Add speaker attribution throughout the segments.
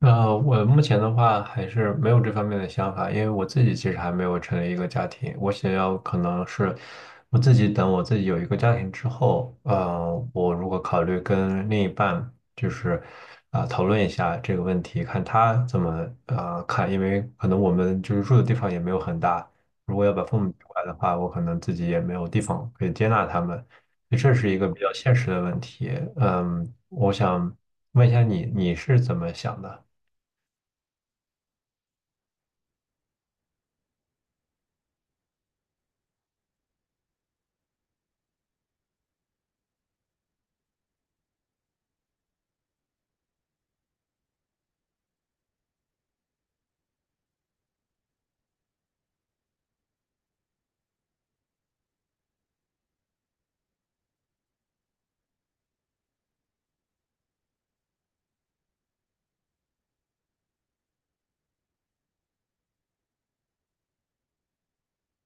Speaker 1: 我目前的话还是没有这方面的想法，因为我自己其实还没有成立一个家庭，我想要可能是我自己等我自己有一个家庭之后，我如果考虑跟另一半就是讨论一下这个问题，看他怎么看，因为可能我们就是住的地方也没有很大，如果要把父母接过来的话，我可能自己也没有地方可以接纳他们。这是一个比较现实的问题。我想问一下你，你是怎么想的？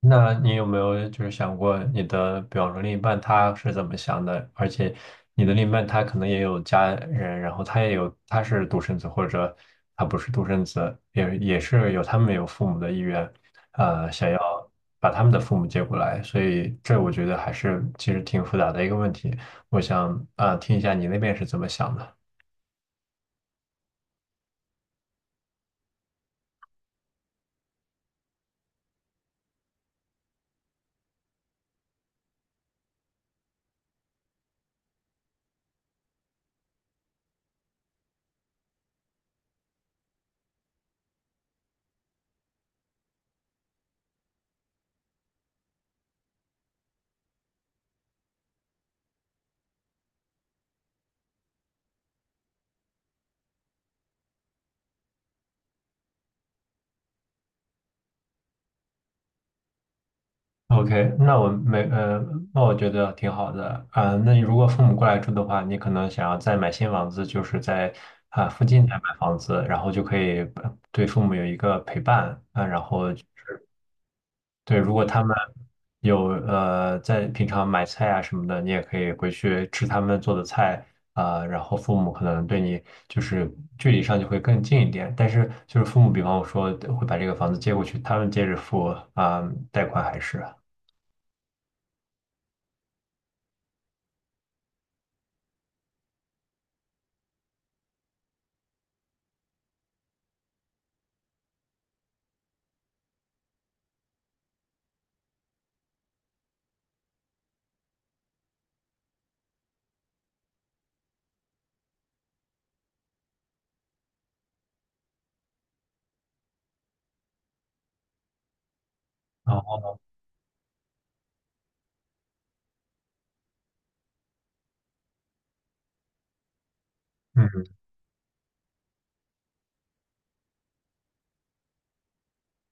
Speaker 1: 那你有没有就是想过你的，比方说另一半他是怎么想的？而且你的另一半他可能也有家人，然后他也有他是独生子，或者他不是独生子，也是有他们有父母的意愿，想要把他们的父母接过来，所以这我觉得还是其实挺复杂的一个问题。我想听一下你那边是怎么想的。OK，那我没，呃，那我觉得挺好的那你如果父母过来住的话，你可能想要再买新房子，就是在附近再买房子，然后就可以对父母有一个陪伴然后就是对，如果他们有在平常买菜啊什么的，你也可以回去吃他们做的菜然后父母可能对你就是距离上就会更近一点，但是就是父母，比方说会把这个房子接过去，他们接着付啊、贷款还是。然后。嗯，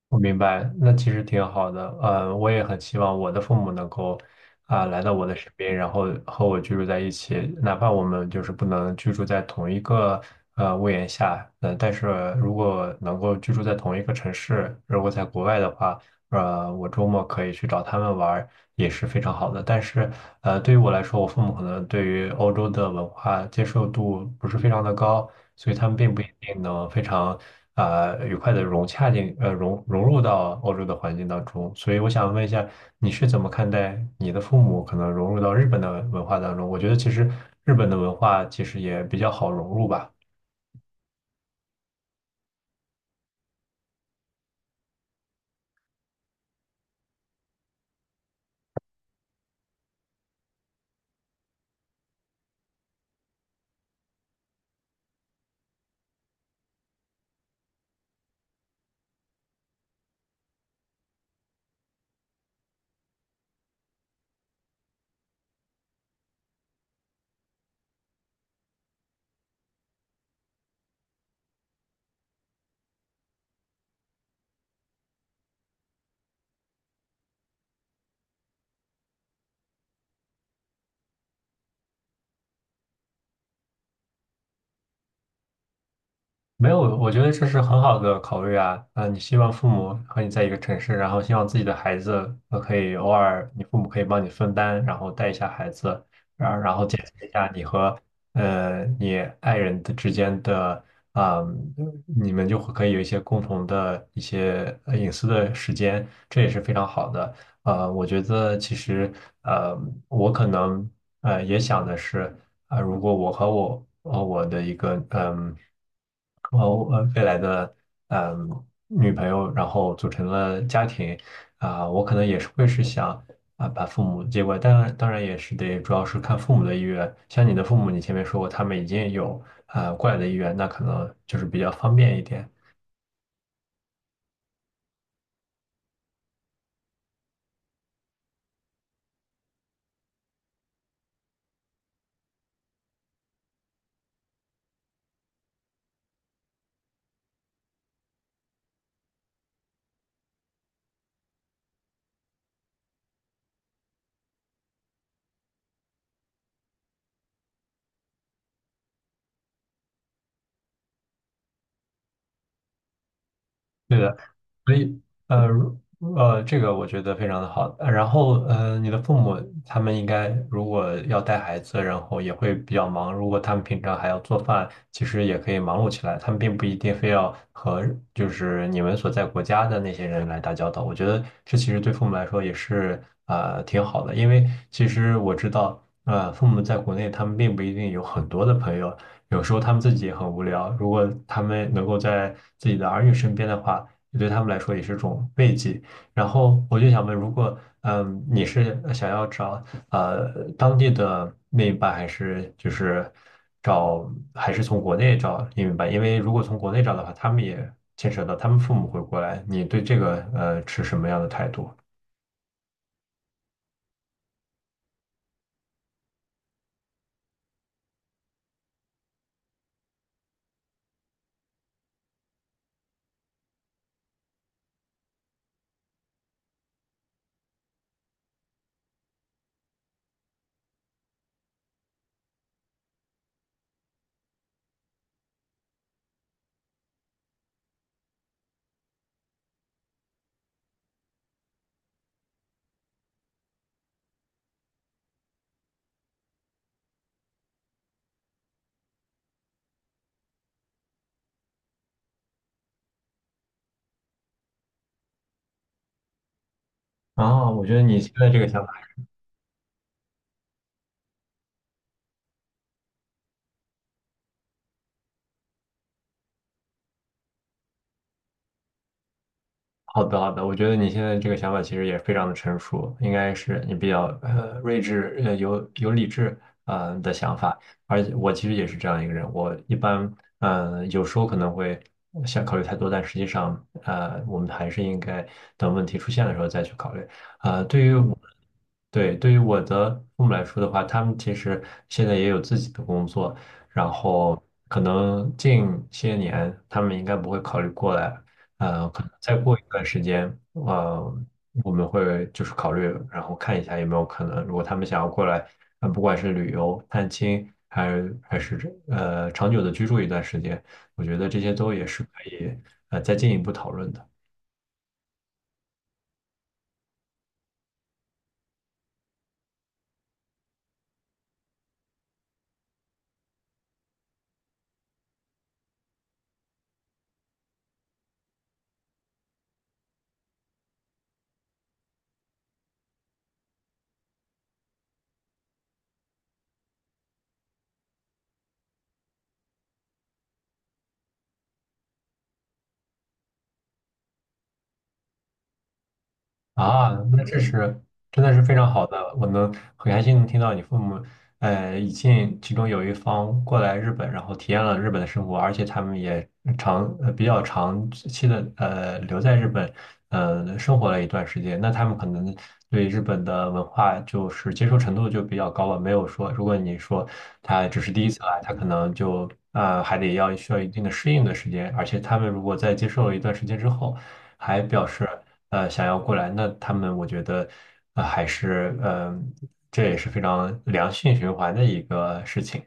Speaker 1: 我明白，那其实挺好的。我也很希望我的父母能够来到我的身边，然后和我居住在一起，哪怕我们就是不能居住在同一个屋檐下，但是如果能够居住在同一个城市，如果在国外的话，我周末可以去找他们玩儿，也是非常好的。但是对于我来说，我父母可能对于欧洲的文化接受度不是非常的高，所以他们并不一定能非常愉快的融洽进融入到欧洲的环境当中。所以我想问一下，你是怎么看待你的父母可能融入到日本的文化当中？我觉得其实日本的文化其实也比较好融入吧。没有，我觉得这是很好的考虑啊。你希望父母和你在一个城市，然后希望自己的孩子可以偶尔，你父母可以帮你分担，然后带一下孩子，然后减轻一下你和你爱人的之间的啊、你们就会可以有一些共同的一些隐私的时间，这也是非常好的。我觉得其实呃，我可能也想的是。如果我和我的一个和未来的女朋友，然后组成了家庭我可能也是会是想把父母接过来，当然当然也是得主要是看父母的意愿。像你的父母，你前面说过他们已经有过来的意愿，那可能就是比较方便一点。对的。所以，呃，如这个我觉得非常的好。然后，你的父母他们应该如果要带孩子，然后也会比较忙。如果他们平常还要做饭，其实也可以忙碌起来。他们并不一定非要和就是你们所在国家的那些人来打交道。我觉得这其实对父母来说也是挺好的，因为其实我知道，父母在国内他们并不一定有很多的朋友，有时候他们自己也很无聊。如果他们能够在自己的儿女身边的话，也对他们来说也是种慰藉。然后我就想问，如果你是想要找呃当地的另一半，还是就是找还是从国内找另一半？因为如果从国内找的话，他们也牵扯到他们父母会过来。你对这个持什么样的态度？我觉得你现在这个想法。好的，好的，我觉得你现在这个想法其实也非常的成熟，应该是你比较睿智，有理智的想法。而且我其实也是这样一个人，我一般有时候可能会想考虑太多，但实际上我们还是应该等问题出现的时候再去考虑。对于我的父母来说的话，他们其实现在也有自己的工作，然后可能近些年他们应该不会考虑过来，可能再过一段时间，呃，我们会就是考虑，然后看一下有没有可能，如果他们想要过来，不管是旅游、探亲，还是长久的居住一段时间，我觉得这些都也是可以再进一步讨论的。那这是真的是非常好的，我能很开心能听到你父母，已经其中有一方过来日本，然后体验了日本的生活，而且他们也比较长期的留在日本，生活了一段时间，那他们可能对日本的文化就是接受程度就比较高了，没有说如果你说他只是第一次来，他可能就还得需要一定的适应的时间，而且他们如果在接受了一段时间之后。还表示想要过来，那他们我觉得还是这也是非常良性循环的一个事情。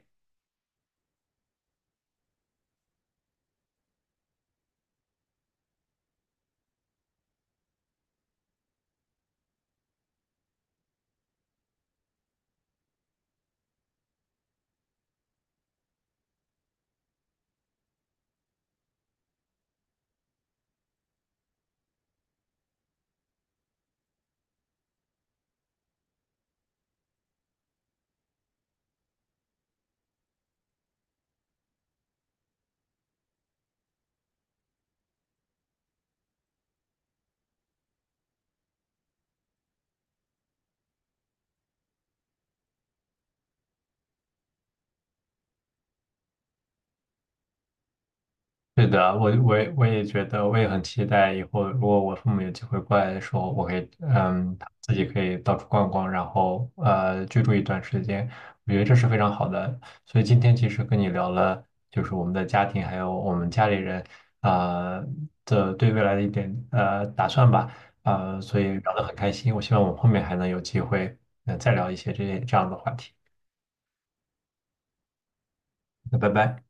Speaker 1: 是的，我也觉得，我也很期待以后，如果我父母有机会过来的时候，我可以，自己可以到处逛逛，然后居住一段时间，我觉得这是非常好的。所以今天其实跟你聊了，就是我们的家庭，还有我们家里人啊、呃的对未来的一点打算吧，所以聊得很开心。我希望我们后面还能有机会，再聊一些这样的话题。那拜拜。